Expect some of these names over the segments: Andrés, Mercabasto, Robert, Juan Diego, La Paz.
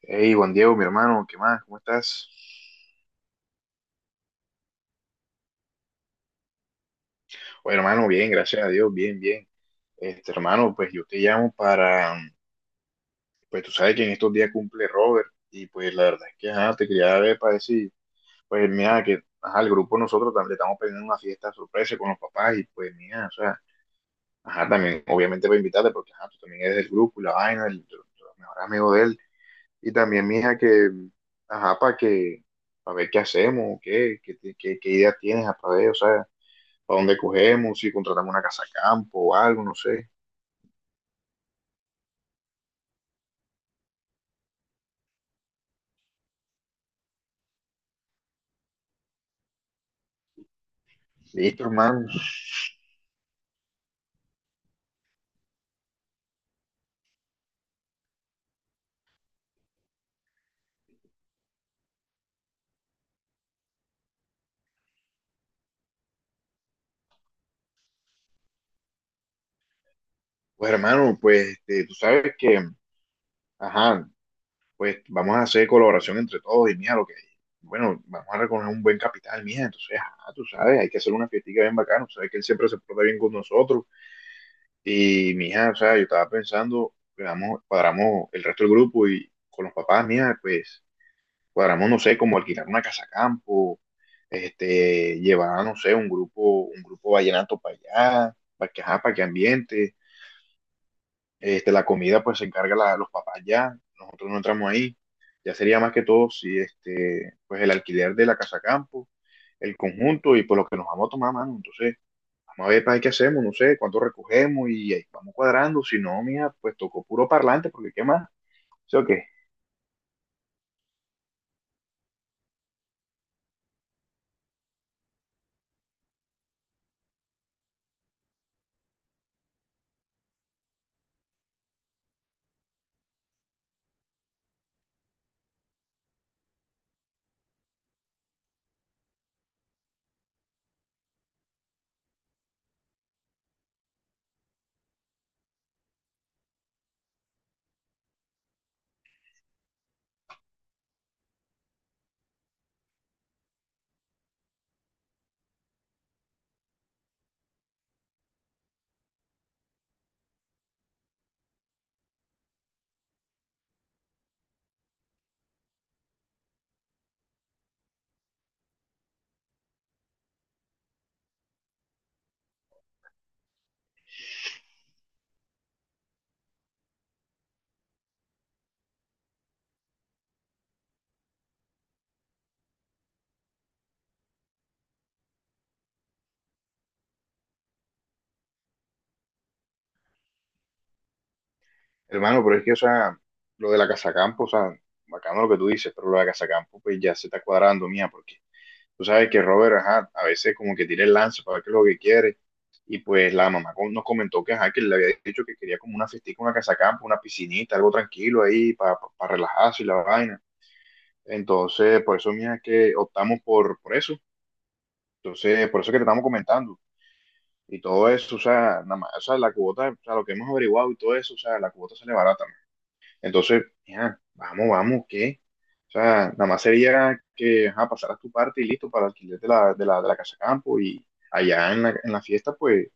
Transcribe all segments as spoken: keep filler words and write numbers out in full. Hey, Juan Diego, mi hermano, ¿qué más? ¿Cómo estás? Oye, hermano, bien, gracias a Dios, bien, bien. Este, hermano, pues yo te llamo para, pues tú sabes que en estos días cumple Robert y pues la verdad es que, ajá, te quería ver para decir, pues mira, que, ajá, el grupo nosotros también le estamos pidiendo una fiesta sorpresa con los papás y pues mira, o sea, ajá, también, obviamente voy a invitarte porque, ajá, tú también eres del grupo y la vaina, el, tu- tu mejor amigo de él. Y también, mija, que, ajá, para que, para ver qué hacemos, qué, qué, qué, qué idea tienes, para ver, o sea, para dónde cogemos, si contratamos una casa campo o algo, no sé. Listo, hermano. Pues, hermano, pues este, tú sabes que, ajá, pues vamos a hacer colaboración entre todos y mira lo que hay. Bueno, vamos a recoger un buen capital, mija. Entonces, ajá, tú sabes, hay que hacer una fiestica bien bacana. Tú sabes que él siempre se porta bien con nosotros. Y, mija, o sea, yo estaba pensando, pues, vamos, cuadramos el resto del grupo y con los papás, mija, pues cuadramos, no sé, como alquilar una casa campo, este, llevar, no sé, un grupo, un grupo vallenato para allá, para que, ajá, para que ambiente, este, la comida pues se encarga la- los papás ya, nosotros no entramos ahí, ya sería más que todo si este, pues el alquiler de la casa campo, el conjunto y pues lo que nos vamos a tomar, mano. Entonces vamos a ver para qué hacemos, no sé, cuánto recogemos y ahí vamos cuadrando, si no, mija, pues tocó puro parlante, porque qué más, ¿sí o qué? Hermano, pero es que, o sea, lo de la Casacampo, o sea, bacano lo que tú dices, pero lo de la Casacampo, pues ya se está cuadrando, mía, porque tú sabes que Robert, ajá, a veces como que tira el lance para ver qué es lo que quiere, y pues la mamá con- nos comentó que, ajá, que le había dicho que quería como una festica, una Casacampo, una piscinita, algo tranquilo ahí, para relajarse y la vaina. Entonces, por eso, mía, que optamos por, por eso. Entonces, por eso que te estamos comentando. Y todo eso, o sea, nada más, o sea, la cuota, o sea, lo que hemos averiguado y todo eso, o sea, la cuota sale barata, entonces, ya, vamos, vamos, ¿qué? O sea, nada más sería que ajá, pasaras tu parte y listo para el alquiler de la, de la, de la casa campo y allá en la, en la fiesta, pues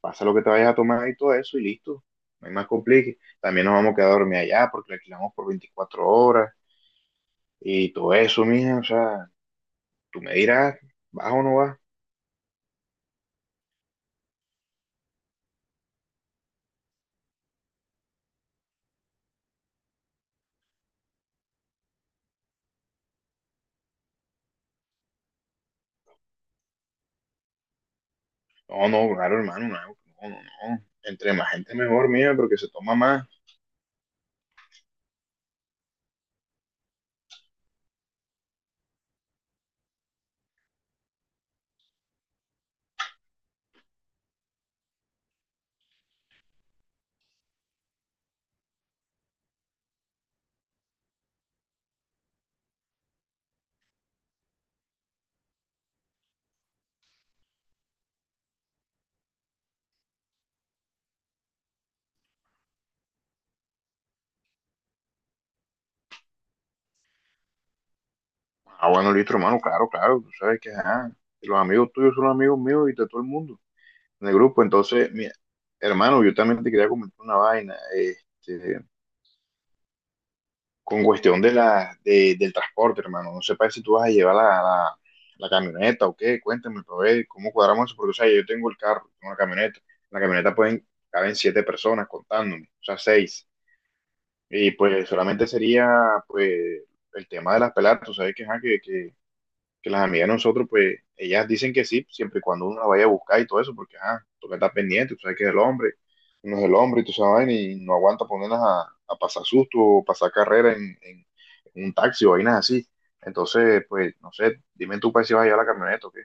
pasa lo que te vayas a tomar y todo eso y listo. No hay más complique. También nos vamos a quedar a dormir allá porque la alquilamos por veinticuatro horas y todo eso, mija. O sea, tú me dirás, ¿vas o no vas? No, no, claro, hermano, no, no, no, no. Entre más gente mejor, mija, porque se toma más. Ah, bueno, listo, hermano, claro, claro. Tú sabes que ajá, los amigos tuyos son los amigos míos y de todo el mundo en el grupo. Entonces, mira, hermano, yo también te quería comentar una vaina. Este, con cuestión de la, de- del transporte, hermano. No sepa si tú vas a llevar la, la, la camioneta o qué. Cuéntame, pero ver cómo cuadramos eso. Porque, o sea, yo tengo el carro, tengo la camioneta. En la camioneta pueden, caben siete personas contándome, o sea, seis. Y pues solamente sería, pues, el tema de las peladas. Tú sabes que, ajá, que, que que las amigas de nosotros, pues, ellas dicen que sí, siempre y cuando uno la vaya a buscar y todo eso, porque, ah, toca estar pendiente, tú sabes que es el hombre, uno es el hombre y tú sabes, y no aguanta ponerlas a, a pasar susto o pasar carrera en, en- en un taxi o vainas así. Entonces, pues, no sé, dime tú para si vas a llevar la camioneta o qué.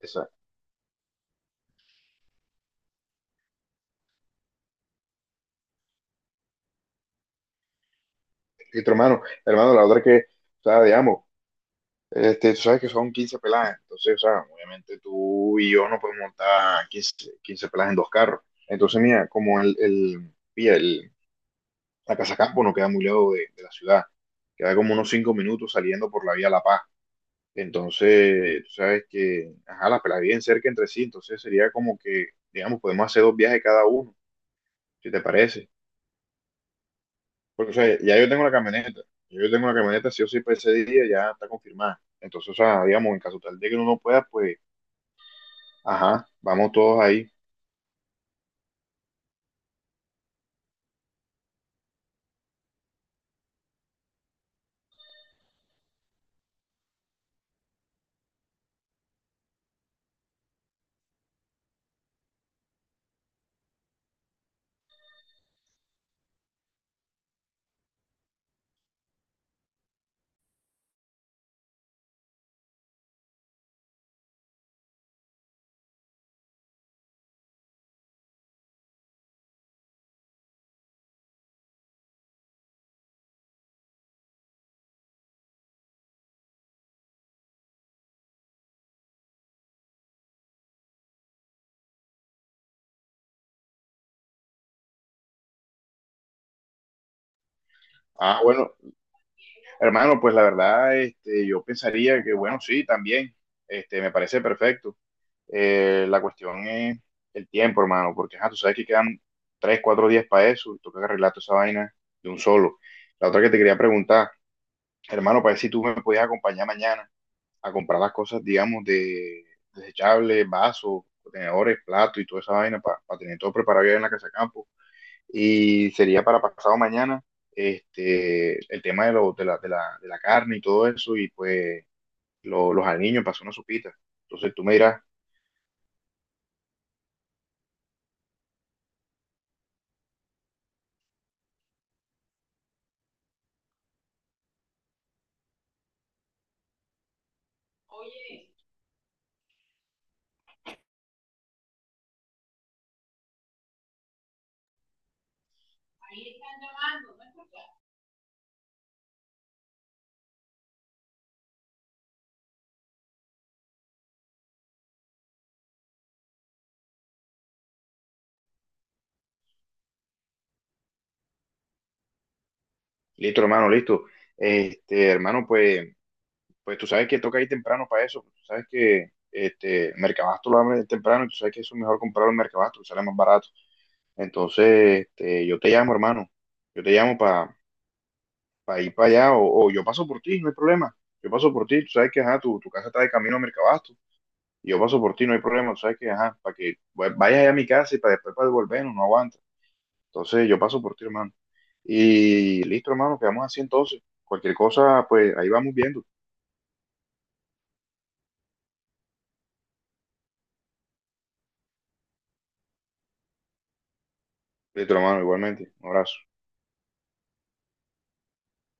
Esa, listo, hermano, hermano, la otra es que, o sea, digamos, este, tú sabes que son quince peladas, entonces, o sea, obviamente tú y yo no podemos montar quince quince peladas en dos carros. Entonces, mira, como el, el, pilla, el, La Casa Campo no queda muy lejos de, de la ciudad, queda como unos cinco minutos saliendo por la vía La Paz. Entonces, tú sabes que, ajá, las pelas bien cerca entre sí, entonces sería como que, digamos, podemos hacer dos viajes cada uno, si te parece. Porque, o sea, ya yo tengo la camioneta, ya yo tengo la camioneta, sí o sí, para ese día ya está confirmada. Entonces, o sea, digamos, en caso tal de que uno no pueda, pues, ajá, vamos todos ahí. Ah, bueno, hermano, pues la verdad, este, yo pensaría que, bueno, sí, también, este, me parece perfecto. Eh, la cuestión es el tiempo, hermano, porque ajá, tú sabes que quedan tres, cuatro días para eso, y toca arreglar toda esa vaina de un solo. La otra que te quería preguntar, hermano, para ver si tú me podías acompañar mañana a comprar las cosas, digamos, de desechables, vasos, contenedores, platos y toda esa vaina para, para tener todo preparado ya en la casa de campo. Y sería para pasado mañana este, el tema de, lo, de, la, de, la, de la carne y todo eso, y pues lo- los aliños, pasó una sopita. Entonces tú me dirás. Listo, hermano, listo. Este, hermano, pues, pues tú sabes que toca ir temprano para eso. Tú sabes que este, Mercabasto lo abre temprano y tú sabes que eso es mejor comprarlo en Mercabasto, sale más barato. Entonces, este, yo te llamo, hermano. Yo te llamo para ir para allá o, o yo paso por ti, no hay problema. Yo paso por ti, tú sabes que ajá, tu, tu casa está de camino a Mercabasto y yo paso por ti, no hay problema. Tú sabes que ajá, para que pues, vayas allá a mi casa y para después para devolvernos, no aguanto. Entonces yo paso por ti, hermano. Y listo, hermano, quedamos así entonces. Cualquier cosa, pues ahí vamos viendo. Listo, hermano, igualmente. Un abrazo.